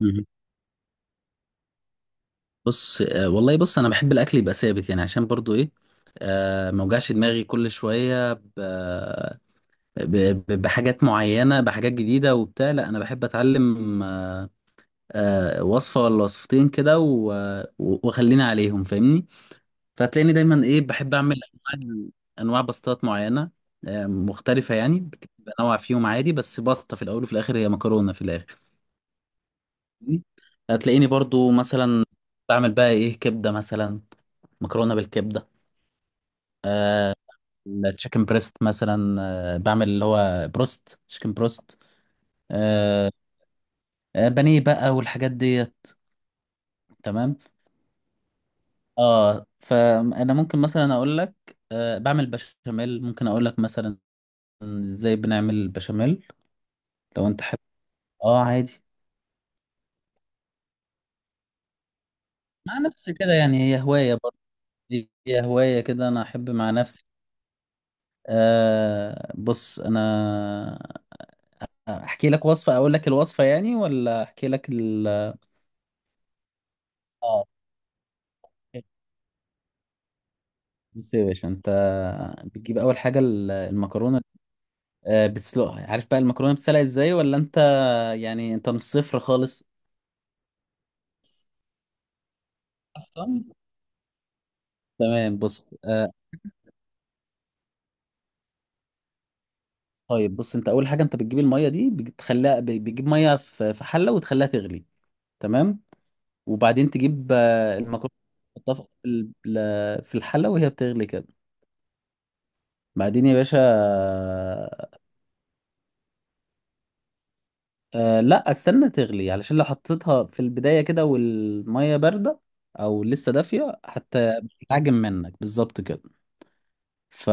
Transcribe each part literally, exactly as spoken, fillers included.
مهم. بص آه والله بص، انا بحب الاكل يبقى ثابت يعني عشان برضو ايه. آه ما اوجعش دماغي كل شويه ب... ب... ب- بحاجات معينه، بحاجات جديده وبتاع. لا انا بحب اتعلم آه آه وصفه ولا وصفتين كده و... و- واخليني عليهم فاهمني. فهتلاقيني دايما ايه بحب اعمل انواع انواع باستات معينه آه مختلفه يعني. بنوع فيهم عادي بس باستا في الاول وفي الاخر، هي مكرونه في الاخر. هتلاقيني برضو مثلا بعمل بقى ايه كبده مثلا، مكرونه بالكبده. التشيكن بريست مثلا. آه، بعمل اللي هو بروست، تشيكن بروست. آه، آه، بانيه بقى والحاجات ديت. تمام. اه، فانا ممكن مثلا اقول لك آه، بعمل بشاميل، ممكن اقول لك مثلا ازاي بنعمل البشاميل لو انت حابب. اه، عادي. مع نفسي كده يعني، هي هوايه برضه، هي هوايه كده انا احب مع نفسي. آه بص انا احكي لك وصفة، اقول لك الوصفة يعني، ولا احكي لك ال اه، بص يا باشا انت. بتجيب اول حاجة ال- المكرونة. آه، بتسلقها. عارف بقى المكرونة بتسلق ازاي ولا انت يعني انت من الصفر خالص اصلا؟ تمام. بص آه، طيب بص، انت اول حاجة انت بتجيب المية دي بتخليها ب- بتجيب مية في في حلة وتخليها تغلي. تمام، وبعدين تجيب آه، المكرونة تحطها في ال- في الحلة وهي بتغلي كده. بعدين يا باشا أه لا، استنى تغلي علشان لو حطيتها في البداية كده والمية باردة او لسه دافية حتى بتتعجن منك بالظبط كده. ف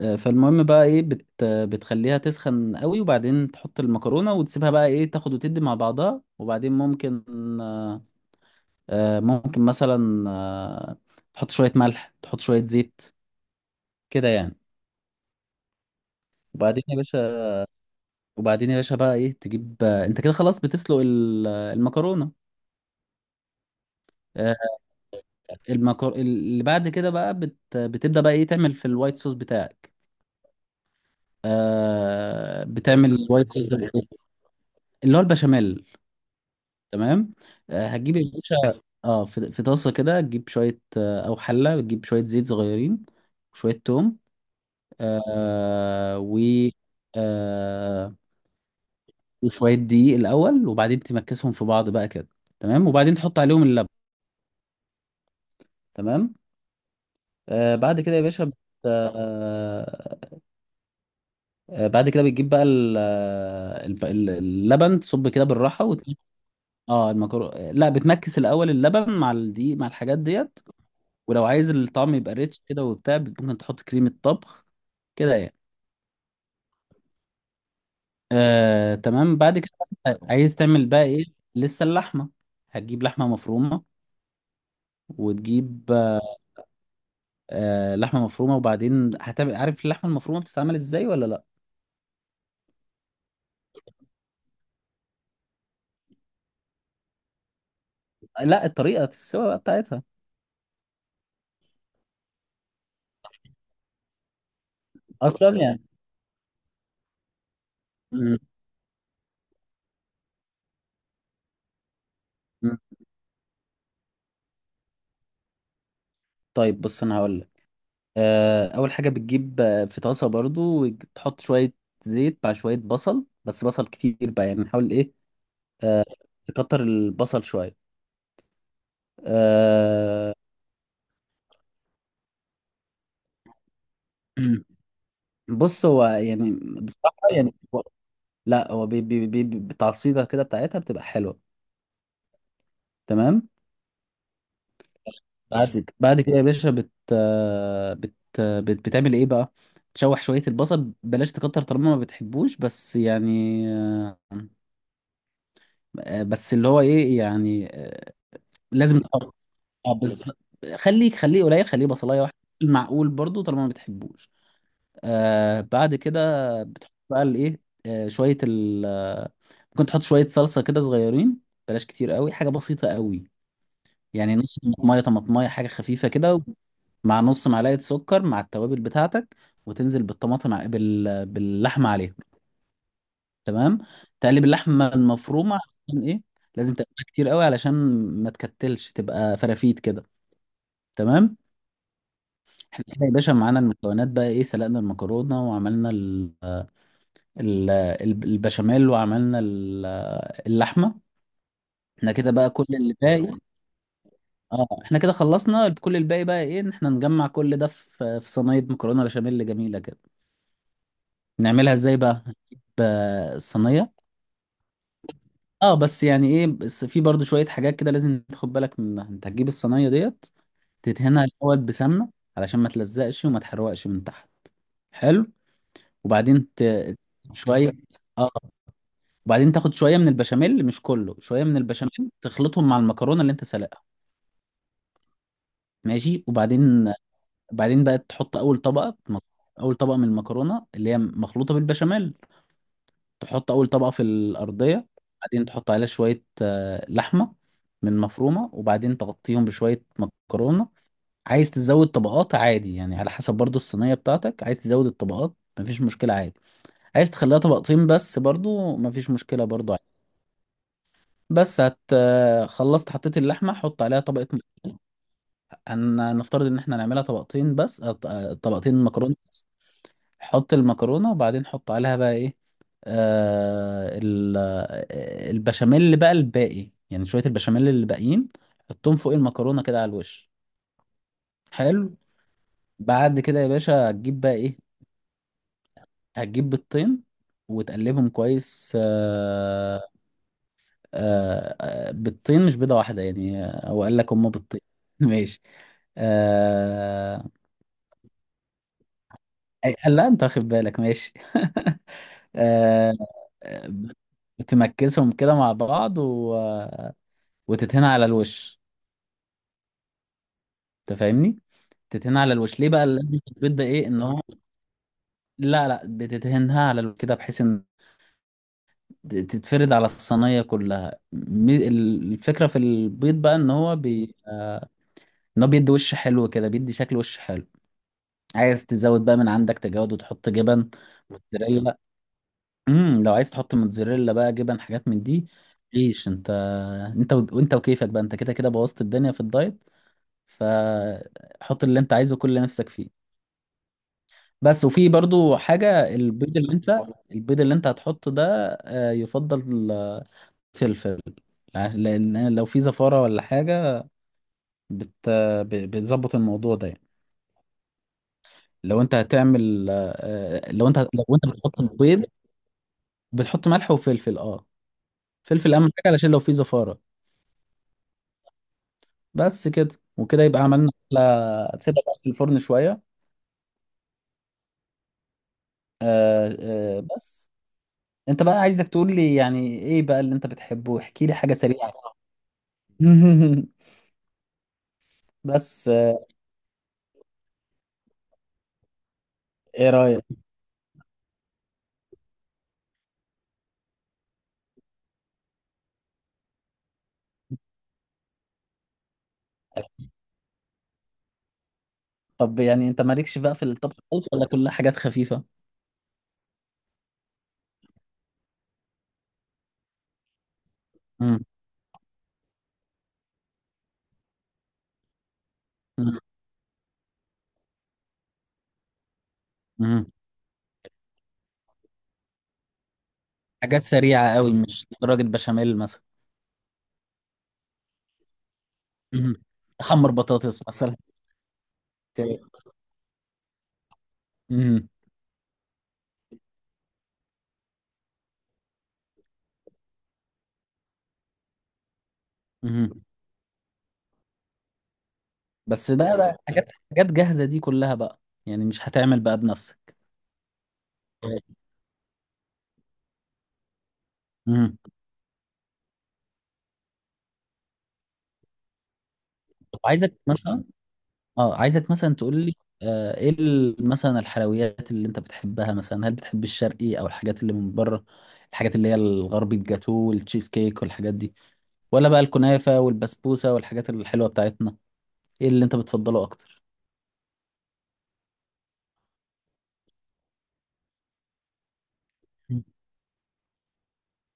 آه، فالمهم بقى ايه بت... بتخليها تسخن قوي، وبعدين تحط المكرونة وتسيبها بقى ايه تاخد وتدي مع بعضها. وبعدين ممكن آه، آه، ممكن مثلا آه، تحط شوية ملح، تحط شوية زيت كده يعني. وبعدين يا باشا وبعدين يا باشا بقى ايه تجيب آه، انت كده خلاص بتسلق ال- آه، المكرونة. آه، المكر... اللي بعد كده بقى بت... بتبدأ بقى ايه تعمل في الوايت صوص بتاعك. آه... بتعمل الوايت صوص ده بإيه؟ اللي هو البشاميل. تمام. آه هتجيب يا باشا، اه في, في طاسة كده، تجيب شوية آه او حلة، وتجيب شوية زيت صغيرين، وشوية توم آه... و آه... وشوية دقيق الأول، وبعدين تمكسهم في بعض بقى كده. تمام، وبعدين تحط عليهم اللبن. تمام. آه بعد كده يا باشا بت... آه آه، بعد كده بتجيب بقى ال- آه، الب- ال- اللبن، تصب كده بالراحه وت... اه، المكرونه لا، بتمكس الاول اللبن مع الدقيق مع الحاجات ديت. ولو عايز الطعم يبقى ريتش كده وبتاع، ممكن تحط كريمه طبخ كده يعني. آه تمام، بعد كده بقى عايز تعمل بقى ايه. لسه اللحمه، هتجيب لحمه مفرومه، وتجيب آه آه، لحمه مفرومه. وبعدين هتعمل، عارف اللحمه المفرومه بتتعمل ازاي ولا لا؟ لا، الطريقه السوا بقى بتاعتها اصلا يعني. م- م. طيب بص، انا هقول آه، اول حاجه بتجيب آه، في طاسه برضو وتحط شويه زيت مع شويه بصل، بس بصل كتير بقى يعني، نحاول ايه آه، تكتر البصل شويه آه، مم. بص هو يعني، بصراحه يعني هو- لا، هو بي بي بي بي- بالتعصيبه كده بتاعتها بتبقى حلوه. تمام. بعد بعد كده يا باشا بت آه، بت آه، بت بتعمل ايه بقى. تشوح شويه البصل، بلاش تكتر طالما ما بتحبوش، بس يعني آه، بس اللي هو ايه يعني آه، لازم تقطع. اه بس خليه خليه قليل، خليه بصلايه واحده، المعقول برضو طالما ما بتحبوش. آه بعد كده بتحط بقى الايه آه شويه ال آه، ممكن تحط شويه صلصه كده صغيرين، بلاش كتير قوي، حاجه بسيطه قوي. يعني نص طماطميه طماطميه حاجه خفيفه كده، مع نص معلقه سكر مع التوابل بتاعتك، وتنزل بالطماطم ع- بال... باللحمه عليهم. تمام. تقلب اللحمه المفرومه عشان ايه؟ لازم تقلبها كتير قوي علشان ما تكتلش، تبقى فرافيت كده. تمام. احنا كده يا باشا معانا المكونات بقى ايه، سلقنا المكرونه، وعملنا ال- ال- ال- البشاميل، وعملنا ال- اللحمه. احنا كده بقى كل اللي باقي. اه، احنا كده خلصنا كل الباقي، بقى ايه ان احنا نجمع كل ده في في صينيه مكرونه بشاميل جميله كده. نعملها ازاي بقى؟ بالصينيه. اه بس يعني ايه، بس في برضو شويه حاجات كده لازم تاخد بالك منها. انت هتجيب الصينيه ديت تدهنها الاول بسمنه، علشان ما تلزقش وما تحرقش من تحت. حلو، وبعدين ت- شويه، اه، وبعدين تاخد شويه من البشاميل، مش كله، شويه من البشاميل تخلطهم مع المكرونه اللي انت سلقها. ماشي، وبعدين بعدين بقى تحط اول طبقه مك- اول طبقه من المكرونه اللي هي مخلوطه بالبشاميل. تحط اول طبقه في الارضيه، بعدين تحط عليها شويه آه، لحمه من مفرومه، وبعدين تغطيهم بشويه مكرونه. عايز تزود طبقات عادي يعني، على حسب برضو الصينيه بتاعتك. عايز تزود الطبقات مفيش مشكله عادي، عايز تخليها طبقتين بس برضو مفيش مشكله برضو. بس هت آه، خلصت، حطيت اللحمه، حط عليها طبقه مكرونه. هن- هنفترض ان احنا هنعملها طبقتين بس، أو ط- آه، طبقتين مكرونه بس. حط المكرونه وبعدين حط عليها بقى ايه آه ال- آه، البشاميل اللي بقى الباقي، يعني شويه البشاميل اللي باقيين، حطهم فوق المكرونه كده على الوش. حلو. بعد كده يا باشا هتجيب بقى ايه، هتجيب بيضتين وتقلبهم كويس. آه آه آه، بيضتين مش بيضه واحده يعني، آه، هو قال لك هما بيضتين ماشي آه... أي- لا، انت واخد بالك، ماشي آه... بتمكسهم كده مع بعض و... وتتهنى على الوش. انت فاهمني، تتهنى على الوش ليه بقى، لازم البيض ده ايه ان هو. لا لا، بتتهنها على الوش كده بحيث ان تتفرد على الصينيه كلها. م- الفكره في البيض بقى ان هو بي... ان هو بيدي وش حلو كده، بيدي شكل وش حلو. عايز تزود بقى من عندك، تجود وتحط جبن موتزاريلا. امم لو عايز تحط موتزاريلا بقى، جبن حاجات من دي، ليش انت انت و... وانت وكيفك بقى، انت كده كده بوظت الدنيا في الدايت، فحط اللي انت عايزه، كل اللي نفسك فيه. بس، وفي برضو حاجة، البيض اللي انت البيض اللي انت هتحطه ده آه، يفضل فلفل، لان لو في زفارة ولا حاجة، بت... ب- بتظبط الموضوع ده يعني. لو انت هتعمل آه، لو انت لو انت بتحط البيض، بتحط ملح وفلفل. اه، فلفل اهم حاجة علشان لو في زفارة. بس كده وكده يبقى عملنا أكلة. تسيبها بقى في الفرن شوية. آه آه بس انت بقى، عايزك تقول لي يعني ايه بقى اللي انت بتحبه، احكي لي حاجة سريعة كده. بس آه ايه رأيك؟ طب يعني انت مالكش بقى في الطبخ خالص ولا كلها حاجات خفيفة؟ مم. مم. مم. حاجات سريعة قوي، مش درجة بشاميل مثلا. مم. تحمر بطاطس مثلا. ت- مم. مم. بس بقى, بقى حاجات حاجات جاهزة دي كلها بقى، يعني مش هتعمل بقى بنفسك. مم. طب عايزك مثلا، اه عايزك مثلا تقول لي آه، ايه ال- مثلا الحلويات اللي انت بتحبها، مثلا هل بتحب الشرقي او الحاجات اللي من بره، الحاجات اللي هي الغربي، الجاتو والتشيز كيك والحاجات دي، ولا بقى الكنافة والبسبوسة والحاجات الحلوة بتاعتنا؟ ايه اللي انت بتفضله اكتر؟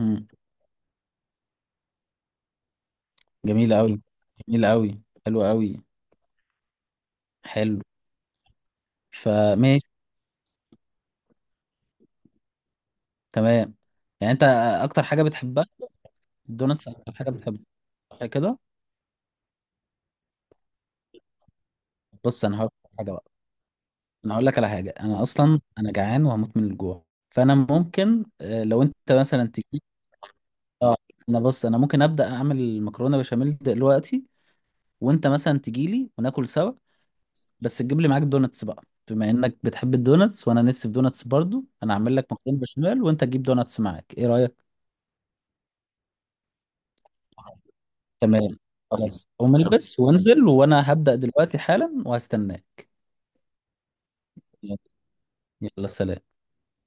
امم جميل قوي، جميل قوي حلو قوي. حلو. فماشي تمام. يعني انت اكتر حاجة بتحبها الدوناتس، اكتر حاجة بتحبها، صح كده؟ بص انا هقول لك حاجة بقى، انا هقول لك على حاجه. انا اصلا انا جعان وهموت من الجوع، فانا ممكن آه، لو انت مثلا تجي. اه، انا بص، انا ممكن ابدا اعمل مكرونه بشاميل دلوقتي، وانت مثلا تجي لي وناكل سوا. بس تجيب لي معاك دوناتس بقى، بما انك بتحب الدوناتس وانا نفسي في دوناتس برضو. انا هعمل لك مكرونه بشاميل وانت تجيب دوناتس معاك، ايه رايك؟ تمام خلاص، قوم البس وانزل، وانا هبدا دلوقتي حالا وهستناك. يلا سلام.